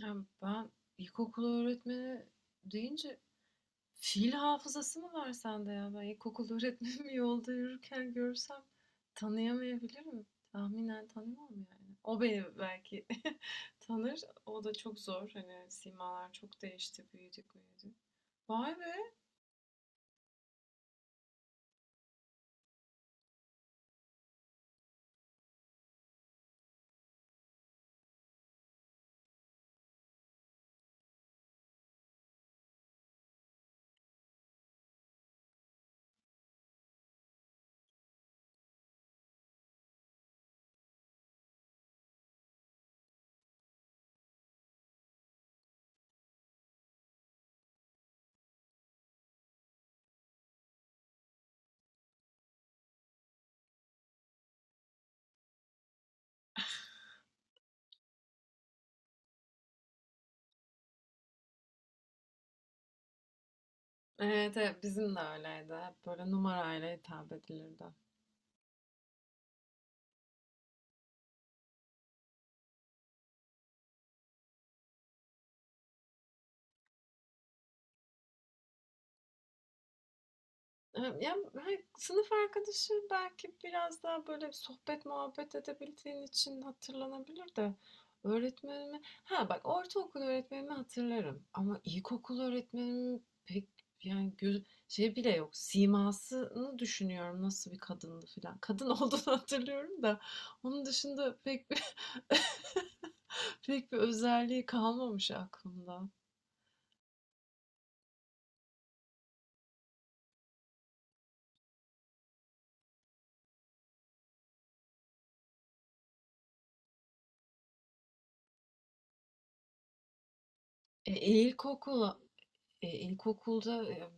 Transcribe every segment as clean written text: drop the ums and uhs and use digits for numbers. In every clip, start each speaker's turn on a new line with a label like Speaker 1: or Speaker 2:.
Speaker 1: Ya, ben ilkokul öğretmeni deyince fiil hafızası mı var sende ya? Ben ilkokul öğretmenimi yolda yürürken görsem tanıyamayabilirim. Tahminen tanımam yani. O beni belki tanır. O da çok zor. Hani simalar çok değişti. Büyüdük büyüdük. Vay be. Evet, evet, bizim de öyleydi. Hep böyle numarayla hitap edilirdi. Ya, hani, sınıf arkadaşı belki biraz daha böyle sohbet muhabbet edebildiğin için hatırlanabilir de Ha, bak, ortaokul öğretmenimi hatırlarım ama ilkokul öğretmenimin pek yani göz şey bile yok, simasını düşünüyorum nasıl bir kadındı filan. Kadın olduğunu hatırlıyorum da onun dışında pek bir pek bir özelliği kalmamış aklımda. E, ilkokul E, ilkokulda,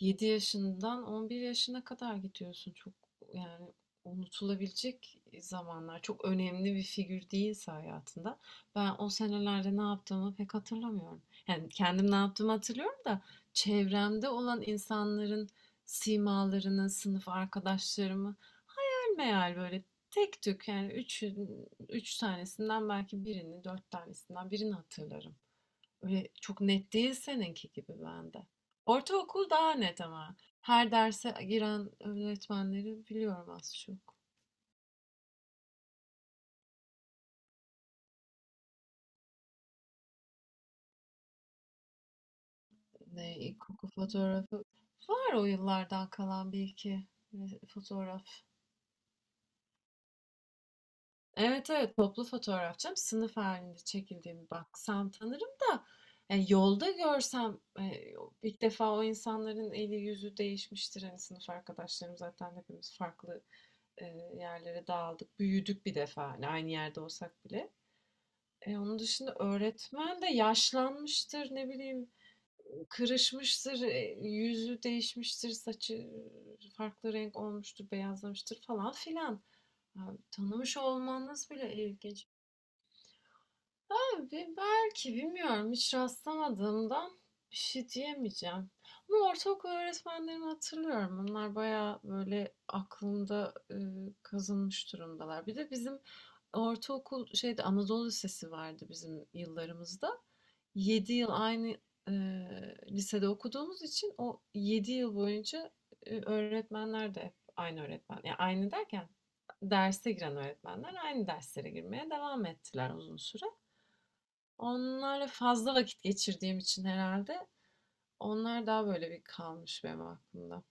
Speaker 1: 7 yaşından 11 yaşına kadar gidiyorsun. Çok yani unutulabilecek zamanlar. Çok önemli bir figür değilse hayatında. Ben o senelerde ne yaptığımı pek hatırlamıyorum. Yani kendim ne yaptığımı hatırlıyorum da çevremde olan insanların simalarını, sınıf arkadaşlarımı hayal meyal böyle tek tük yani üç tanesinden belki birini, dört tanesinden birini hatırlarım. Öyle çok net değil seninki gibi bende. Ortaokul daha net ama. Her derse giren öğretmenleri biliyorum az çok. Ne ilkokul fotoğrafı var o yıllardan kalan bir iki fotoğraf. Evet, evet, toplu fotoğraf canım. Sınıf halinde çekildiğimi baksam tanırım da yani yolda görsem ilk defa o insanların eli yüzü değişmiştir. Hani sınıf arkadaşlarım zaten hepimiz farklı yerlere dağıldık. Büyüdük bir defa hani aynı yerde olsak bile. Onun dışında öğretmen de yaşlanmıştır, ne bileyim, kırışmıştır, yüzü değişmiştir, saçı farklı renk olmuştur, beyazlamıştır falan filan. Tanımış olmanız bile ilginç. Abi belki bilmiyorum, hiç rastlamadığımdan bir şey diyemeyeceğim. Ama ortaokul öğretmenlerimi hatırlıyorum. Onlar bayağı böyle aklımda kazınmış durumdalar. Bir de bizim ortaokul şeyde Anadolu Lisesi vardı bizim yıllarımızda. 7 yıl aynı e, lisede okuduğumuz için o 7 yıl boyunca öğretmenler de hep aynı öğretmen. Yani aynı derken derse giren öğretmenler aynı derslere girmeye devam ettiler uzun süre. Onlarla fazla vakit geçirdiğim için herhalde onlar daha böyle bir kalmış benim aklımda.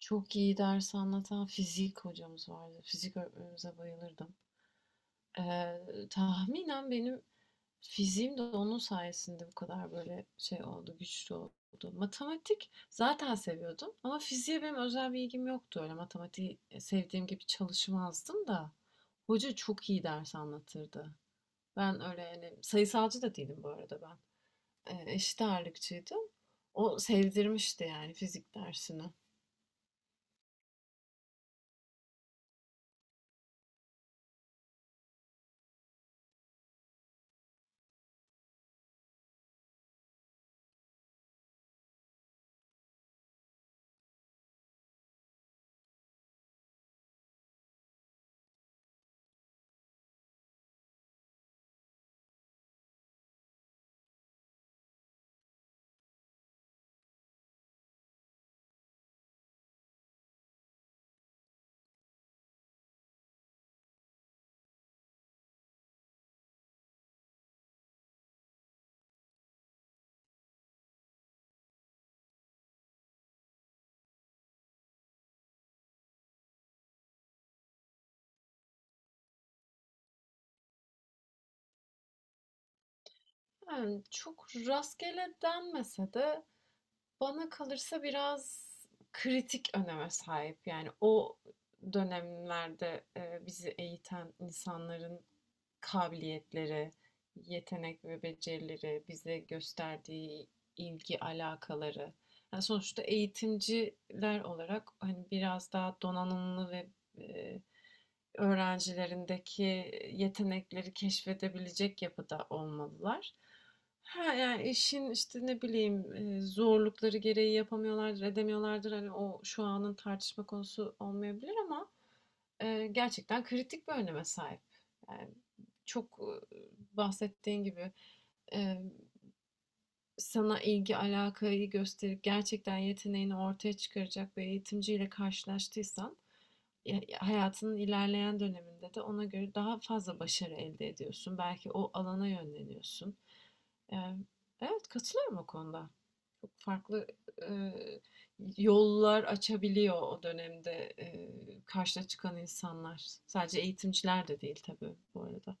Speaker 1: Çok iyi ders anlatan fizik hocamız vardı. Fizik öğretmenimize bayılırdım. Ee, tahminen benim fiziğim de onun sayesinde bu kadar böyle şey oldu, güçlü oldu. Matematik zaten seviyordum ama fiziğe benim özel bir ilgim yoktu. Öyle matematiği sevdiğim gibi çalışmazdım da. Hoca çok iyi ders anlatırdı. Ben öyle yani sayısalcı da değilim bu arada ben. Eşit ağırlıkçıydı. O sevdirmişti yani fizik dersini. Yani çok rastgele denmese de bana kalırsa biraz kritik öneme sahip. Yani o dönemlerde, bizi eğiten insanların kabiliyetleri, yetenek ve becerileri, bize gösterdiği ilgi, alakaları. Yani sonuçta eğitimciler olarak hani biraz daha donanımlı ve, eee, öğrencilerindeki yetenekleri keşfedebilecek yapıda olmalılar. Ha yani işin işte ne bileyim zorlukları gereği yapamıyorlardır, edemiyorlardır. Hani o şu anın tartışma konusu olmayabilir ama gerçekten kritik bir öneme sahip. Yani çok e, bahsettiğin gibi. e, sana ilgi, alakayı gösterip gerçekten yeteneğini ortaya çıkaracak bir eğitimciyle karşılaştıysan, hayatının ilerleyen döneminde de ona göre daha fazla başarı elde ediyorsun. Belki o alana yönleniyorsun. Ee, evet, katılıyorum o konuda. Çok farklı e, yollar açabiliyor o dönemde karşına çıkan insanlar. Sadece eğitimciler de değil tabii bu arada.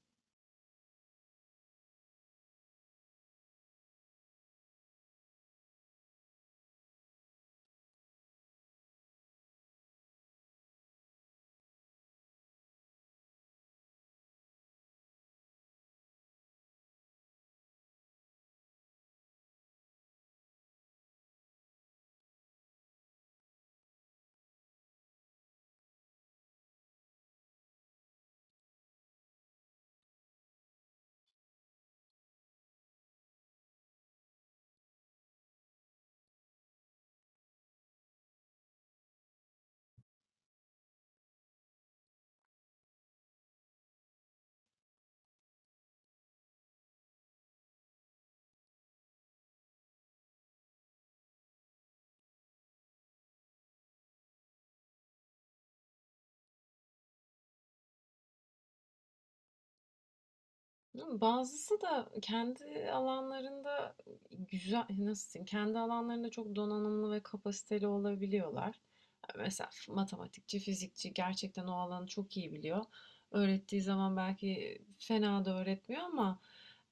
Speaker 1: Bazısı da kendi alanlarında güzel, nasıl diyeyim, kendi alanlarında çok donanımlı ve kapasiteli olabiliyorlar. Yani mesela matematikçi, fizikçi gerçekten o alanı çok iyi biliyor. Öğrettiği zaman belki fena da öğretmiyor ama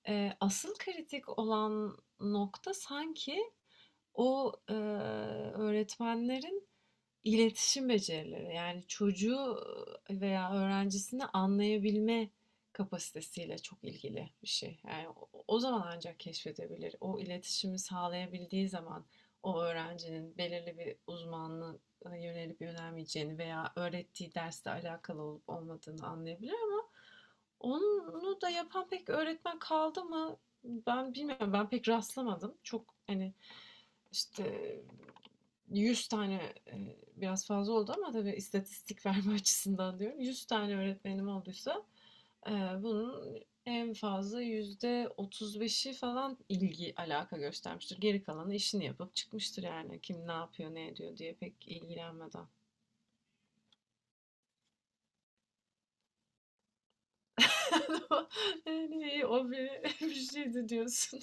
Speaker 1: asıl kritik olan nokta sanki o öğretmenlerin İletişim becerileri, yani çocuğu veya öğrencisini anlayabilme kapasitesiyle çok ilgili bir şey. Yani o zaman ancak keşfedebilir. O iletişimi sağlayabildiği zaman o öğrencinin belirli bir uzmanlığa yönelip yönelmeyeceğini veya öğrettiği dersle alakalı olup olmadığını anlayabilir ama onu da yapan pek öğretmen kaldı mı? Ben bilmiyorum. Ben pek rastlamadım. Çok hani işte 100 tane, e, biraz fazla oldu ama tabii istatistik verme açısından diyorum. 100 tane öğretmenim olduysa, e, bunun en fazla %35'i falan ilgi, alaka göstermiştir. Geri kalanı işini yapıp çıkmıştır yani. Kim ne yapıyor, ne ediyor diye pek ilgilenmeden. Yani o bir, bir şeydi diyorsun.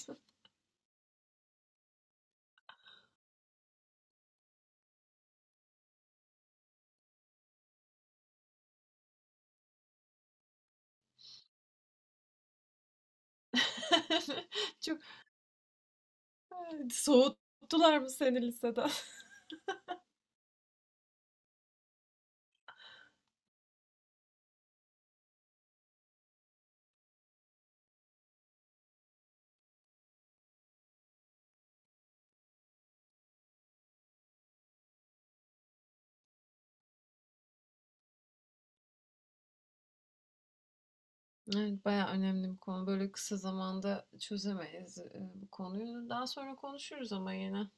Speaker 1: Çok evet, soğuttular mı seni liseden? Evet, bayağı önemli bir konu. Böyle kısa zamanda çözemeyiz bu konuyu. Daha sonra konuşuruz ama yine.